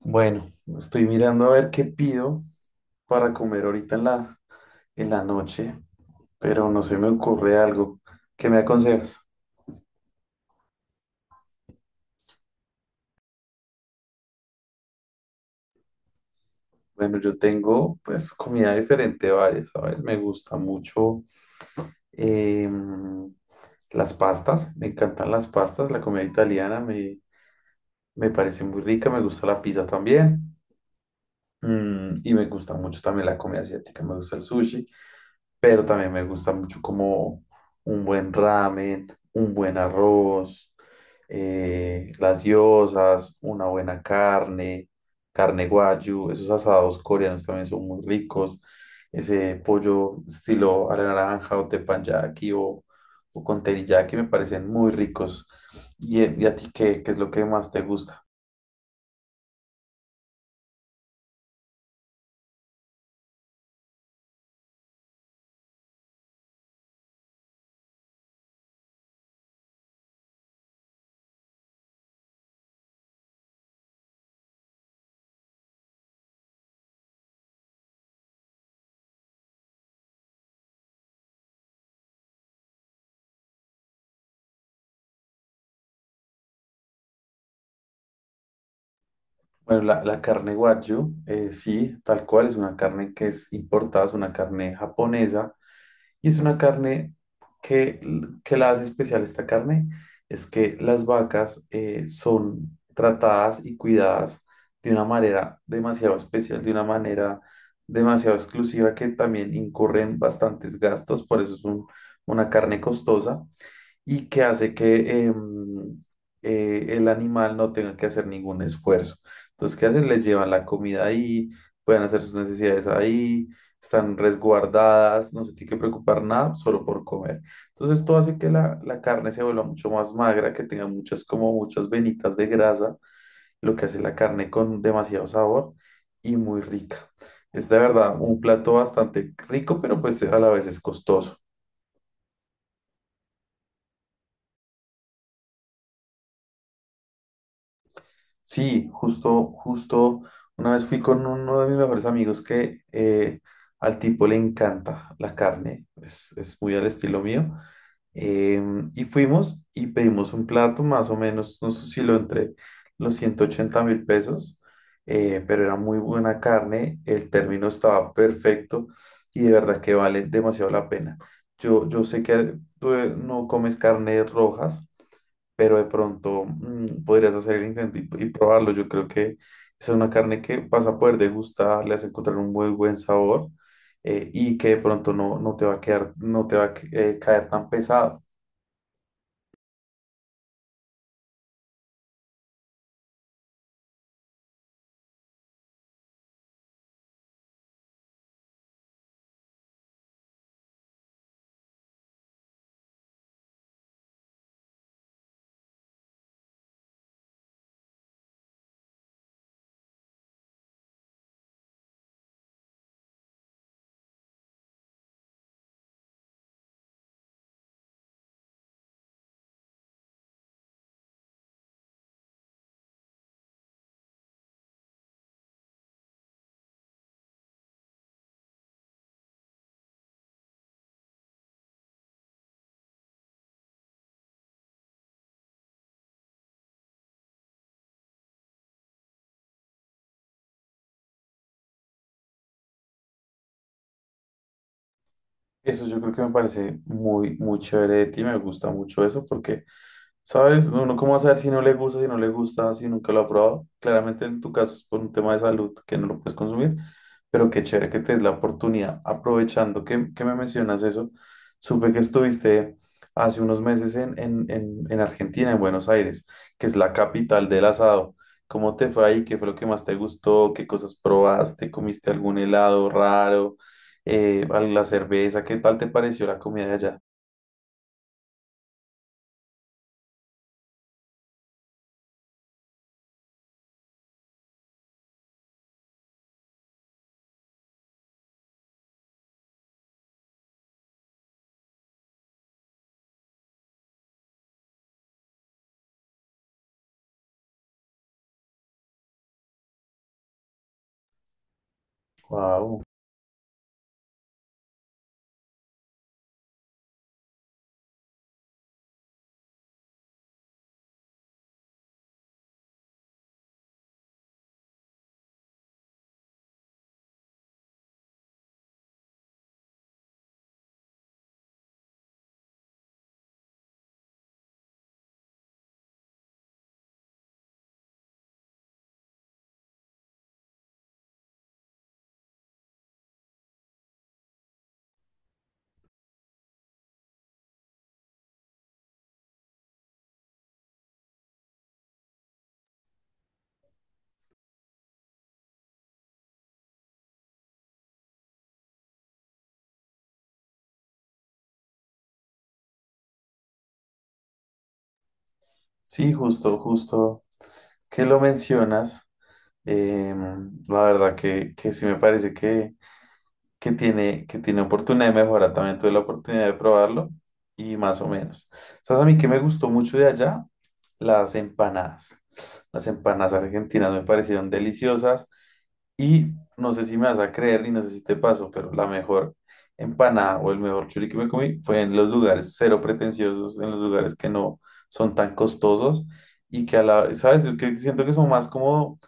Bueno, estoy mirando a ver qué pido para comer ahorita en la noche, pero no se me ocurre algo. ¿Qué me aconsejas? Bueno, yo tengo pues comida diferente varias, ¿sabes? Me gusta mucho em, las pastas, me encantan las pastas, la comida italiana me parece muy rica, me gusta la pizza también y me gusta mucho también la comida asiática, me gusta el sushi. Pero también me gusta mucho como un buen ramen, un buen arroz, las gyozas, una buena carne, carne guayu, esos asados coreanos también son muy ricos, ese pollo estilo a la naranja o teppanyaki o con teriyaki me parecen muy ricos. Y a ti qué es lo que más te gusta? Bueno, la carne wagyu, sí, tal cual, es una carne que es importada, es una carne japonesa. Y es una carne que, que la hace especial esta carne, es que las vacas son tratadas y cuidadas de una manera demasiado especial, de una manera demasiado exclusiva que también incurren bastantes gastos, por eso es una carne costosa y que hace que el animal no tenga que hacer ningún esfuerzo. Entonces, ¿qué hacen? Les llevan la comida ahí, pueden hacer sus necesidades ahí, están resguardadas, no se tiene que preocupar nada solo por comer. Entonces, esto hace que la carne se vuelva mucho más magra, que tenga muchas, como muchas venitas de grasa, lo que hace la carne con demasiado sabor y muy rica. Es de verdad un plato bastante rico, pero pues a la vez es costoso. Sí, justo, justo, una vez fui con uno de mis mejores amigos que al tipo le encanta la carne, es muy al estilo mío. Em, y fuimos y pedimos un plato, más o menos nos osciló entre los 180.000 pesos, pero era muy buena carne, el término estaba perfecto y de verdad que vale demasiado la pena. Yo sé que tú no comes carnes rojas, pero de pronto podrías hacer el intento y probarlo. Yo creo que esa es una carne que vas a poder degustar, le vas a encontrar un muy buen sabor, y que de pronto no te va a quedar, no te va a caer tan pesado. Eso yo creo que me parece muy chévere de ti, me gusta mucho eso porque... ¿Sabes? Uno cómo va a saber si no le gusta, si no le gusta, si nunca lo ha probado. Claramente en tu caso es por un tema de salud que no lo puedes consumir, pero qué chévere que te des la oportunidad. Aprovechando que me mencionas eso, supe que estuviste hace unos meses en Argentina, en Buenos Aires, que es la capital del asado. ¿Cómo te fue ahí? ¿Qué fue lo que más te gustó? ¿Qué cosas probaste? ¿Comiste algún helado raro? ¿La cerveza? ¿Qué tal te pareció la comida de allá? Wow. Sí, justo, justo, que lo mencionas, em, la verdad que sí me parece que que tiene oportunidad de mejora. También tuve la oportunidad de probarlo y más o menos. ¿Sabes a mí que me gustó mucho de allá? Las empanadas. Las empanadas argentinas me parecieron deliciosas. Y no sé si me vas a creer y no sé si te pasó, pero la mejor empanada o el mejor churi que me comí fue en los lugares cero pretenciosos, en los lugares que no son tan costosos y que a ¿sabes? Yo Que siento que son más como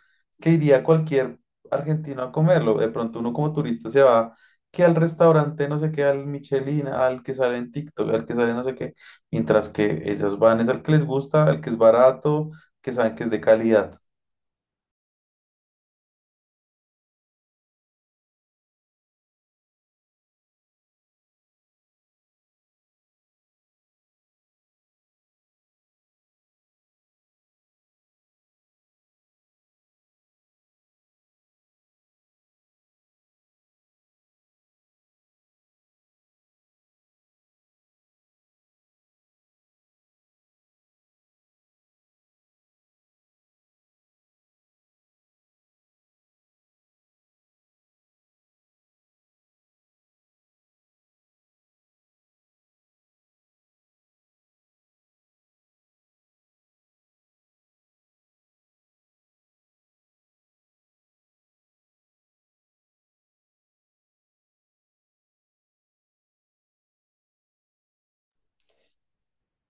que iría cualquier argentino a comerlo. De pronto uno como turista se va que al restaurante, no sé qué, al Michelin, al que sale en TikTok, al que sale no sé qué, mientras que ellas van es al que les gusta, al que es barato, que saben que es de calidad.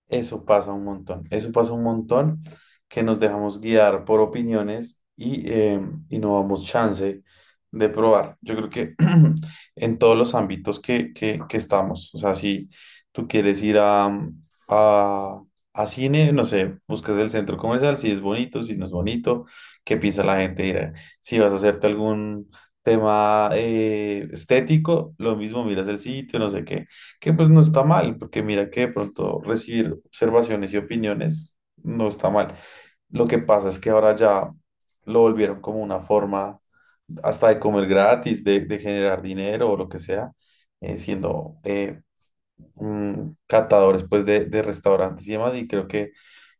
Eso pasa un montón, eso pasa un montón, que nos dejamos guiar por opiniones y no damos chance de probar. Yo creo que en todos los ámbitos que estamos, o sea, si tú quieres ir a, a cine, no sé, buscas el centro comercial, si es bonito, si no es bonito, qué piensa la gente. Mira, si vas a hacerte algún tema estético, lo mismo, miras el sitio, no sé qué. Que pues no está mal, porque mira que de pronto recibir observaciones y opiniones no está mal. Lo que pasa es que ahora ya lo volvieron como una forma hasta de comer gratis, de generar dinero o lo que sea, eh, siendo eh, catadores pues de restaurantes y demás. Y creo que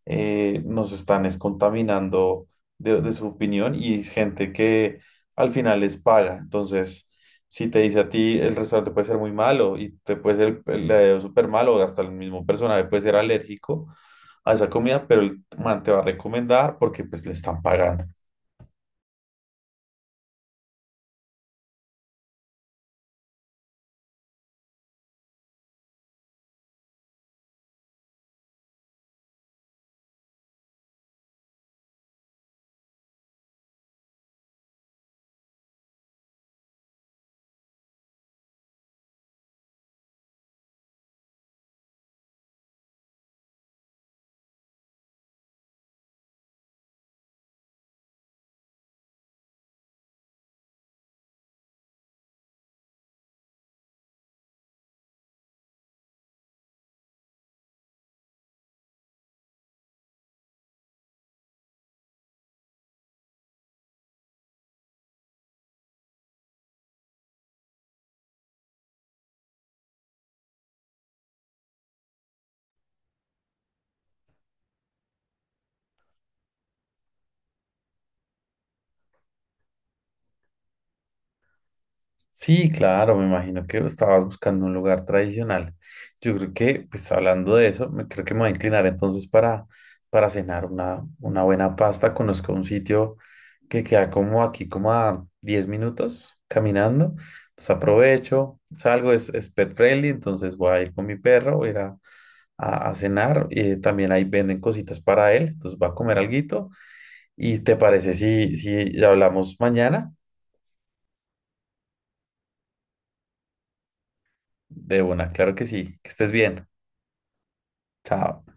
nos están es contaminando de su opinión y es gente que al final les paga. Entonces, si te dice a ti el restaurante puede ser muy malo y te puede ser el súper malo, o hasta el mismo personaje puede ser alérgico a esa comida, pero el man te va a recomendar porque pues le están pagando. Sí, claro, me imagino que estabas buscando un lugar tradicional. Yo creo que, hablando de eso, creo que me voy a inclinar entonces para cenar una buena pasta. Conozco un sitio que queda como aquí, como a 10 minutos caminando. Entonces aprovecho, salgo, es pet friendly, entonces voy a ir con mi perro, voy a ir a cenar. También ahí venden cositas para él, entonces va a comer alguito. ¿Y te parece si hablamos mañana? De una, claro que sí, que estés bien. Chao.